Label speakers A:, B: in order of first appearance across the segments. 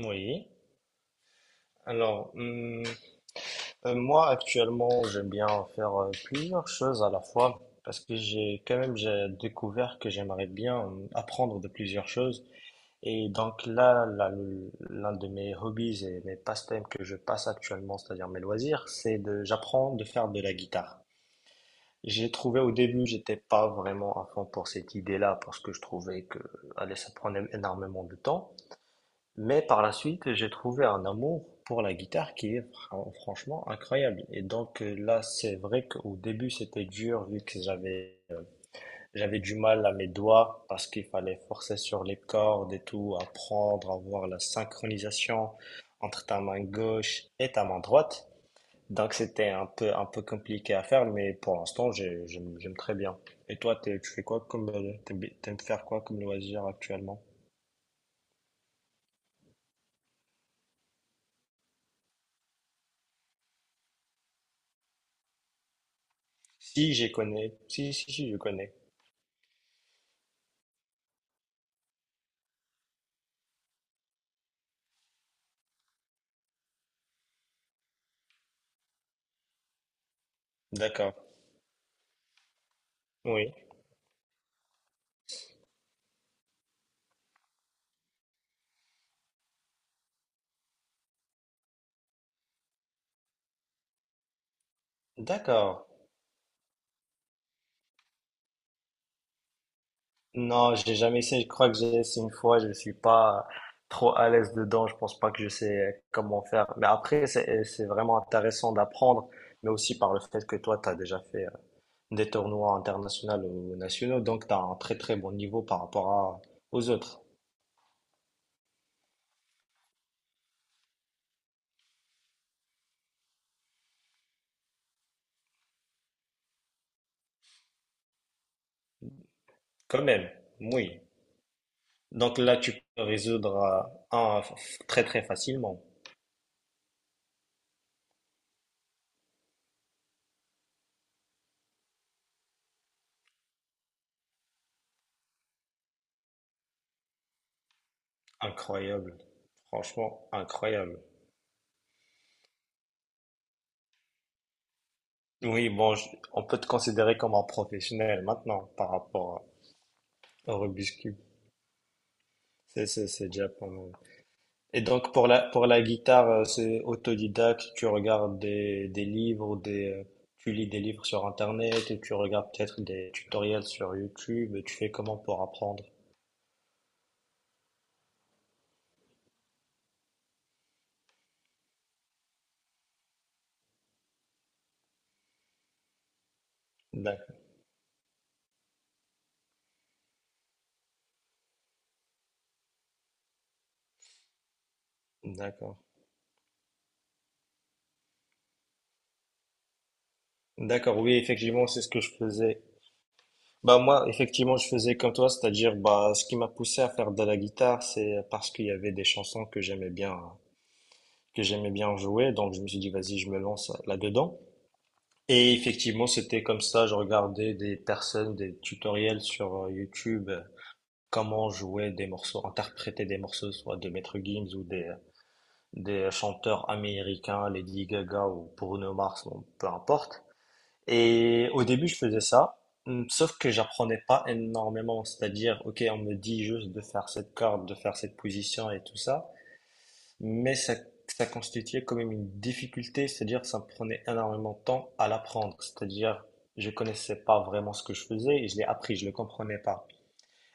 A: Oui. Alors, hum, moi actuellement, j'aime bien faire plusieurs choses à la fois parce que j'ai quand même j'ai découvert que j'aimerais bien apprendre de plusieurs choses. Et donc là, l'un de mes hobbies et mes passe-temps que je passe actuellement, c'est-à-dire mes loisirs, c'est de j'apprends de faire de la guitare. J'ai trouvé au début, j'étais pas vraiment à fond pour cette idée-là parce que je trouvais que allez, ça prenait énormément de temps. Mais par la suite, j'ai trouvé un amour pour la guitare qui est franchement incroyable. Et donc là, c'est vrai qu'au début, c'était dur vu que j'avais du mal à mes doigts parce qu'il fallait forcer sur les cordes et tout, apprendre à voir la synchronisation entre ta main gauche et ta main droite. Donc c'était un peu compliqué à faire, mais pour l'instant, j'aime très bien. Et toi, tu fais quoi comme t'aimes faire quoi comme loisir actuellement? Si, j'ai connais. Si, si, si, je connais. D'accord. Oui. D'accord. Non, j'ai jamais essayé. Je crois que j'ai essayé une fois. Je suis pas trop à l'aise dedans. Je pense pas que je sais comment faire. Mais après, c'est vraiment intéressant d'apprendre, mais aussi par le fait que toi, tu as déjà fait des tournois internationaux ou nationaux, donc tu as un très très bon niveau par rapport à, aux autres. Quand même. Oui. Donc là, tu peux résoudre très très facilement. Incroyable. Franchement, incroyable. Oui, bon, on peut te considérer comme un professionnel maintenant par rapport au Rubik's Cube. C'est déjà pas mal. Et donc, pour pour la guitare, c'est autodidacte, tu regardes des livres, tu lis des livres sur Internet, et tu regardes peut-être des tutoriels sur YouTube, et tu fais comment pour apprendre? D'ac- D'accord. D'accord, oui, effectivement, c'est ce que je faisais. Bah, moi, effectivement, je faisais comme toi, c'est-à-dire, bah, ce qui m'a poussé à faire de la guitare, c'est parce qu'il y avait des chansons que j'aimais bien hein. Que j'aimais bien jouer. Donc, je me suis dit, vas-y, je me lance là-dedans. Et effectivement, c'était comme ça. Je regardais des personnes, des tutoriels sur YouTube, comment jouer des morceaux, interpréter des morceaux, soit de Maître Gims ou des chanteurs américains, Lady Gaga ou Bruno Mars, bon, peu importe. Et au début, je faisais ça. Sauf que j'apprenais pas énormément, c'est-à-dire, ok, on me dit juste de faire cette corde, de faire cette position et tout ça, mais ça ça constituait quand même une difficulté, c'est-à-dire que ça me prenait énormément de temps à l'apprendre. C'est-à-dire je connaissais pas vraiment ce que je faisais et je l'ai appris, je le comprenais pas.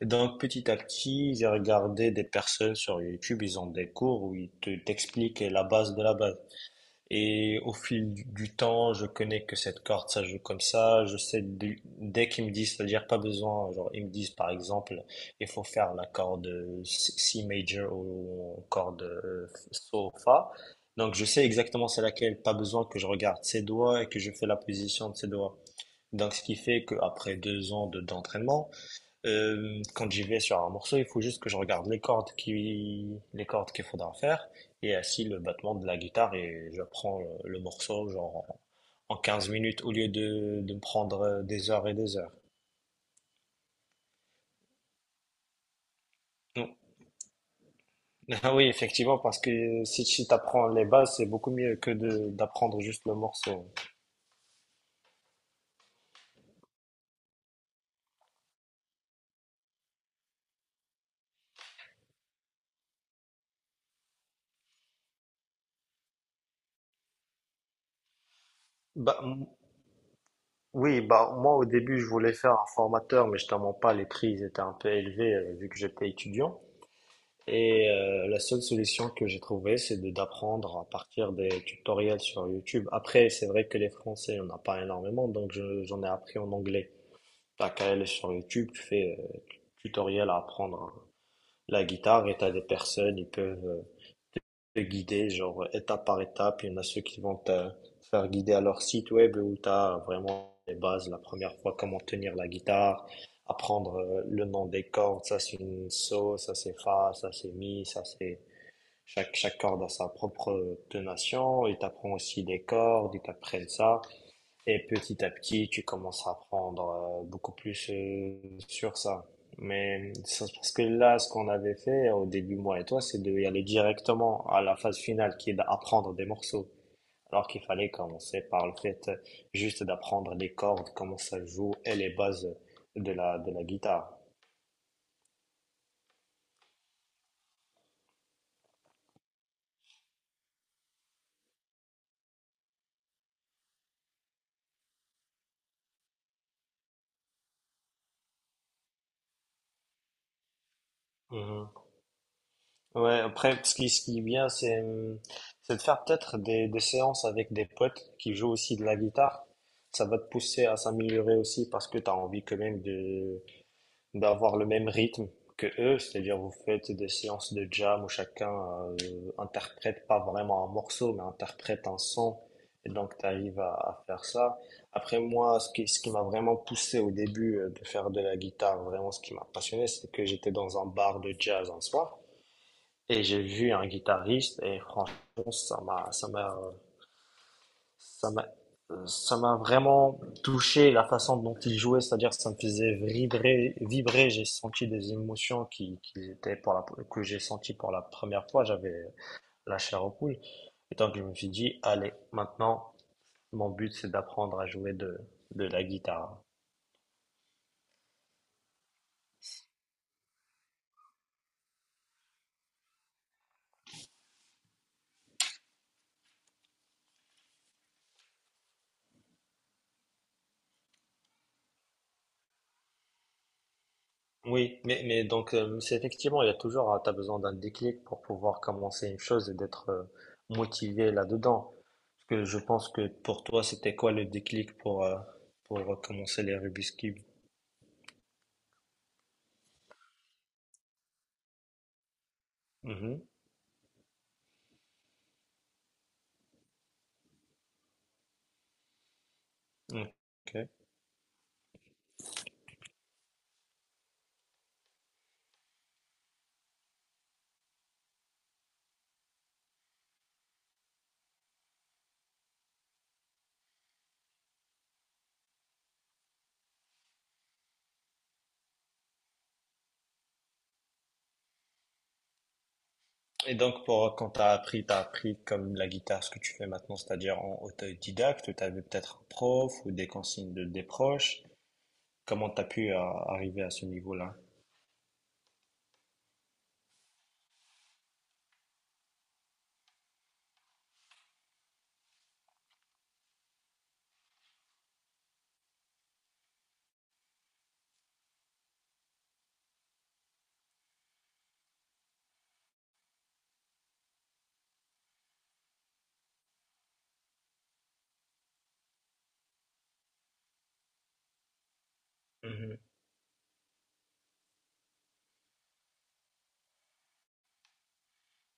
A: Et donc petit à petit, j'ai regardé des personnes sur YouTube, ils ont des cours où ils t'expliquent la base de la base. Et au fil du temps, je connais que cette corde, ça joue comme ça. Je sais, dès qu'ils me disent, c'est-à-dire pas besoin, genre ils me disent par exemple, il faut faire la corde C C major ou corde So, Fa. Donc je sais exactement c'est laquelle, pas besoin que je regarde ses doigts et que je fais la position de ses doigts. Donc ce qui fait qu'après 2 ans d'entraînement, quand j'y vais sur un morceau, il faut juste que je regarde les cordes qui, les cordes qu'il faudra faire et ainsi le battement de la guitare et je prends le morceau genre en 15 minutes au lieu de me prendre des heures et des heures. Non. Ah oui, effectivement, parce que si tu apprends les bases, c'est beaucoup mieux que de d'apprendre juste le morceau. Bah, m- oui, bah moi au début je voulais faire un formateur, mais je t'en mens pas, les prix ils étaient un peu élevés vu que j'étais étudiant. Et la seule solution que j'ai trouvée, c'est de d'apprendre à partir des tutoriels sur YouTube. Après, c'est vrai que les Français, on n'a pas énormément, donc j'en ai appris en anglais. T'as qu'à aller sur YouTube, tu fais tutoriel à apprendre la guitare et t'as des personnes, ils peuvent te guider, genre étape par étape. Il y en a ceux qui vont te faire guider à leur site web où t'as vraiment les bases, la première fois, comment tenir la guitare apprendre le nom des cordes, ça c'est une so, ça c'est fa, ça c'est mi, ça c'est chaque corde a sa propre tonation, ils t'apprennent aussi des cordes, ils t'apprennent ça. Et petit à petit, tu commences à apprendre beaucoup plus sur ça. Mais c'est parce que là, ce qu'on avait fait au début, moi et toi, c'est d'y aller directement à la phase finale qui est d'apprendre des morceaux. Alors qu'il fallait commencer par le fait juste d'apprendre les cordes, comment ça joue et les bases de de la guitare. Mhm. Ouais, après, ce qui est bien, c'est de faire peut-être des séances avec des potes qui jouent aussi de la guitare. Ça va te pousser à s'améliorer aussi parce que tu as envie quand même d'avoir le même rythme que eux. C'est-à-dire, vous faites des séances de jam où chacun euh, interprète pas vraiment un morceau, mais interprète un son. Et donc, tu arrives à faire ça. Après, moi, ce qui m'a vraiment poussé au début de faire de la guitare, vraiment ce qui m'a passionné, c'est que j'étais dans un bar de jazz un soir. Et j'ai vu un guitariste et franchement, ça m'a, ça m'a vraiment touché la façon dont il jouait, c'est-à-dire que ça me faisait vibrer. J'ai senti des émotions qui étaient pour que j'ai senti pour la première fois. J'avais la chair aux poules. Et donc je me suis dit, allez, maintenant, mon but c'est d'apprendre à jouer de la guitare. Oui, mais donc c'est effectivement, il y a toujours, tu as besoin d'un déclic pour pouvoir commencer une chose et d'être motivé là-dedans. Parce que je pense que pour toi, c'était quoi le déclic pour commencer les Rubik's Cube? Mhm. Ok. Et donc pour quand tu as appris comme la guitare, ce que tu fais maintenant, c'est-à-dire en autodidacte, tu avais peut-être un prof ou des consignes de des proches. Comment tu as pu arriver à ce niveau-là?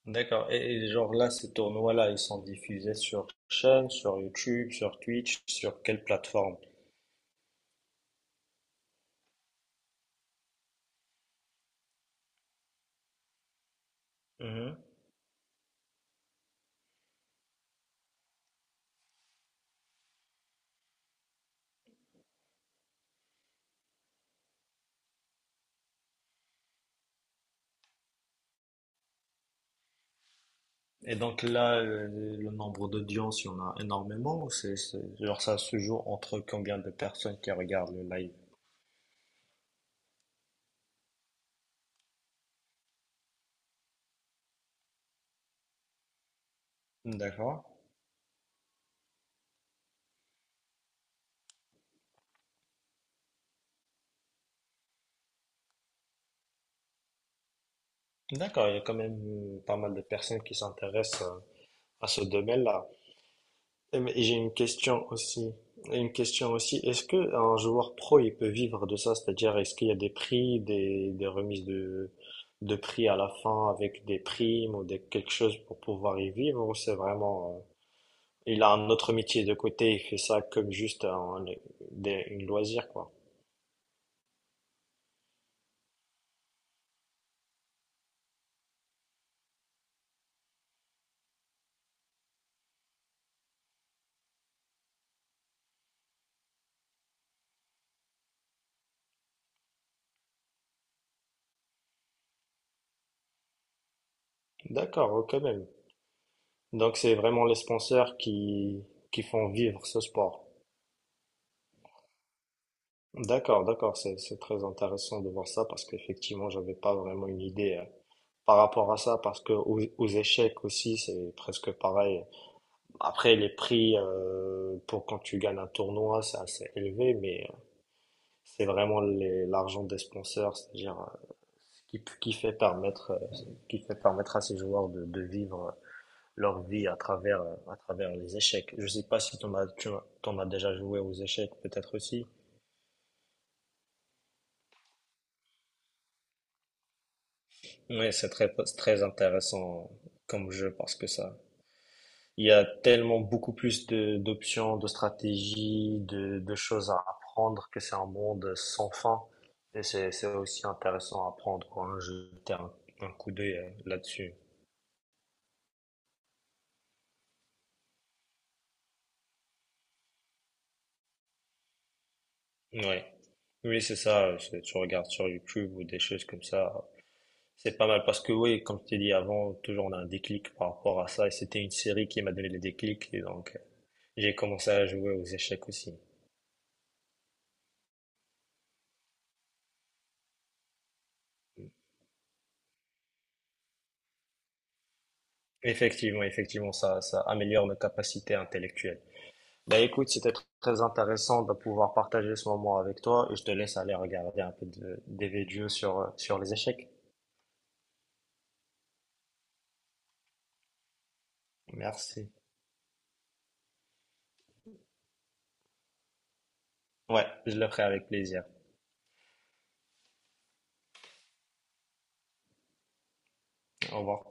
A: D'accord. Et genre là, ces tournois-là, ils sont diffusés sur chaîne, sur YouTube, sur Twitch, sur quelle plateforme? Mhm. Et donc là, le nombre d'audience, il y en a énormément. Ou genre ça se joue entre combien de personnes qui regardent le live? D'accord. D'accord, il y a quand même pas mal de personnes qui s'intéressent à ce domaine-là. Et j'ai une question aussi. Une question aussi. Est-ce que un joueur pro, il peut vivre de ça? C'est-à-dire, est-ce qu'il y a des prix, des remises de prix à la fin avec des primes ou quelque chose pour pouvoir y vivre? Ou c'est vraiment, il a un autre métier de côté, il fait ça comme juste un, une loisir, quoi. D'accord, quand même. Donc, c'est vraiment les sponsors qui font vivre ce sport. D'accord, d'accord, c'est très intéressant de voir ça parce qu'effectivement, j'avais pas vraiment une idée. Par rapport à ça parce que aux échecs aussi c'est presque pareil. Après les prix pour quand tu gagnes un tournoi c'est assez élevé mais c'est vraiment l'argent des sponsors c'est-à-dire qui fait permettre à ces joueurs de vivre leur vie à travers les échecs. Je sais pas si t'en as tu t'en as déjà joué aux échecs peut-être aussi. Mais c'est très très intéressant comme jeu parce que ça il y a tellement beaucoup plus de d'options, de stratégies, de choses à apprendre que c'est un monde sans fin. Et c'est aussi intéressant à apprendre, quoi. Hein. Jeter un coup d'œil là-dessus. Ouais. Oui, c'est ça. Tu regardes sur YouTube ou des choses comme ça. C'est pas mal parce que oui, comme je t'ai dit avant, toujours on a un déclic par rapport à ça. Et c'était une série qui m'a donné le déclic. Et donc, j'ai commencé à jouer aux échecs aussi. Effectivement, effectivement, ça améliore nos capacités intellectuelles. Bah écoute, c'était très intéressant de pouvoir partager ce moment avec toi et je te laisse aller regarder un peu des vidéos sur, sur les échecs. Merci. Ouais, je le ferai avec plaisir. Au revoir.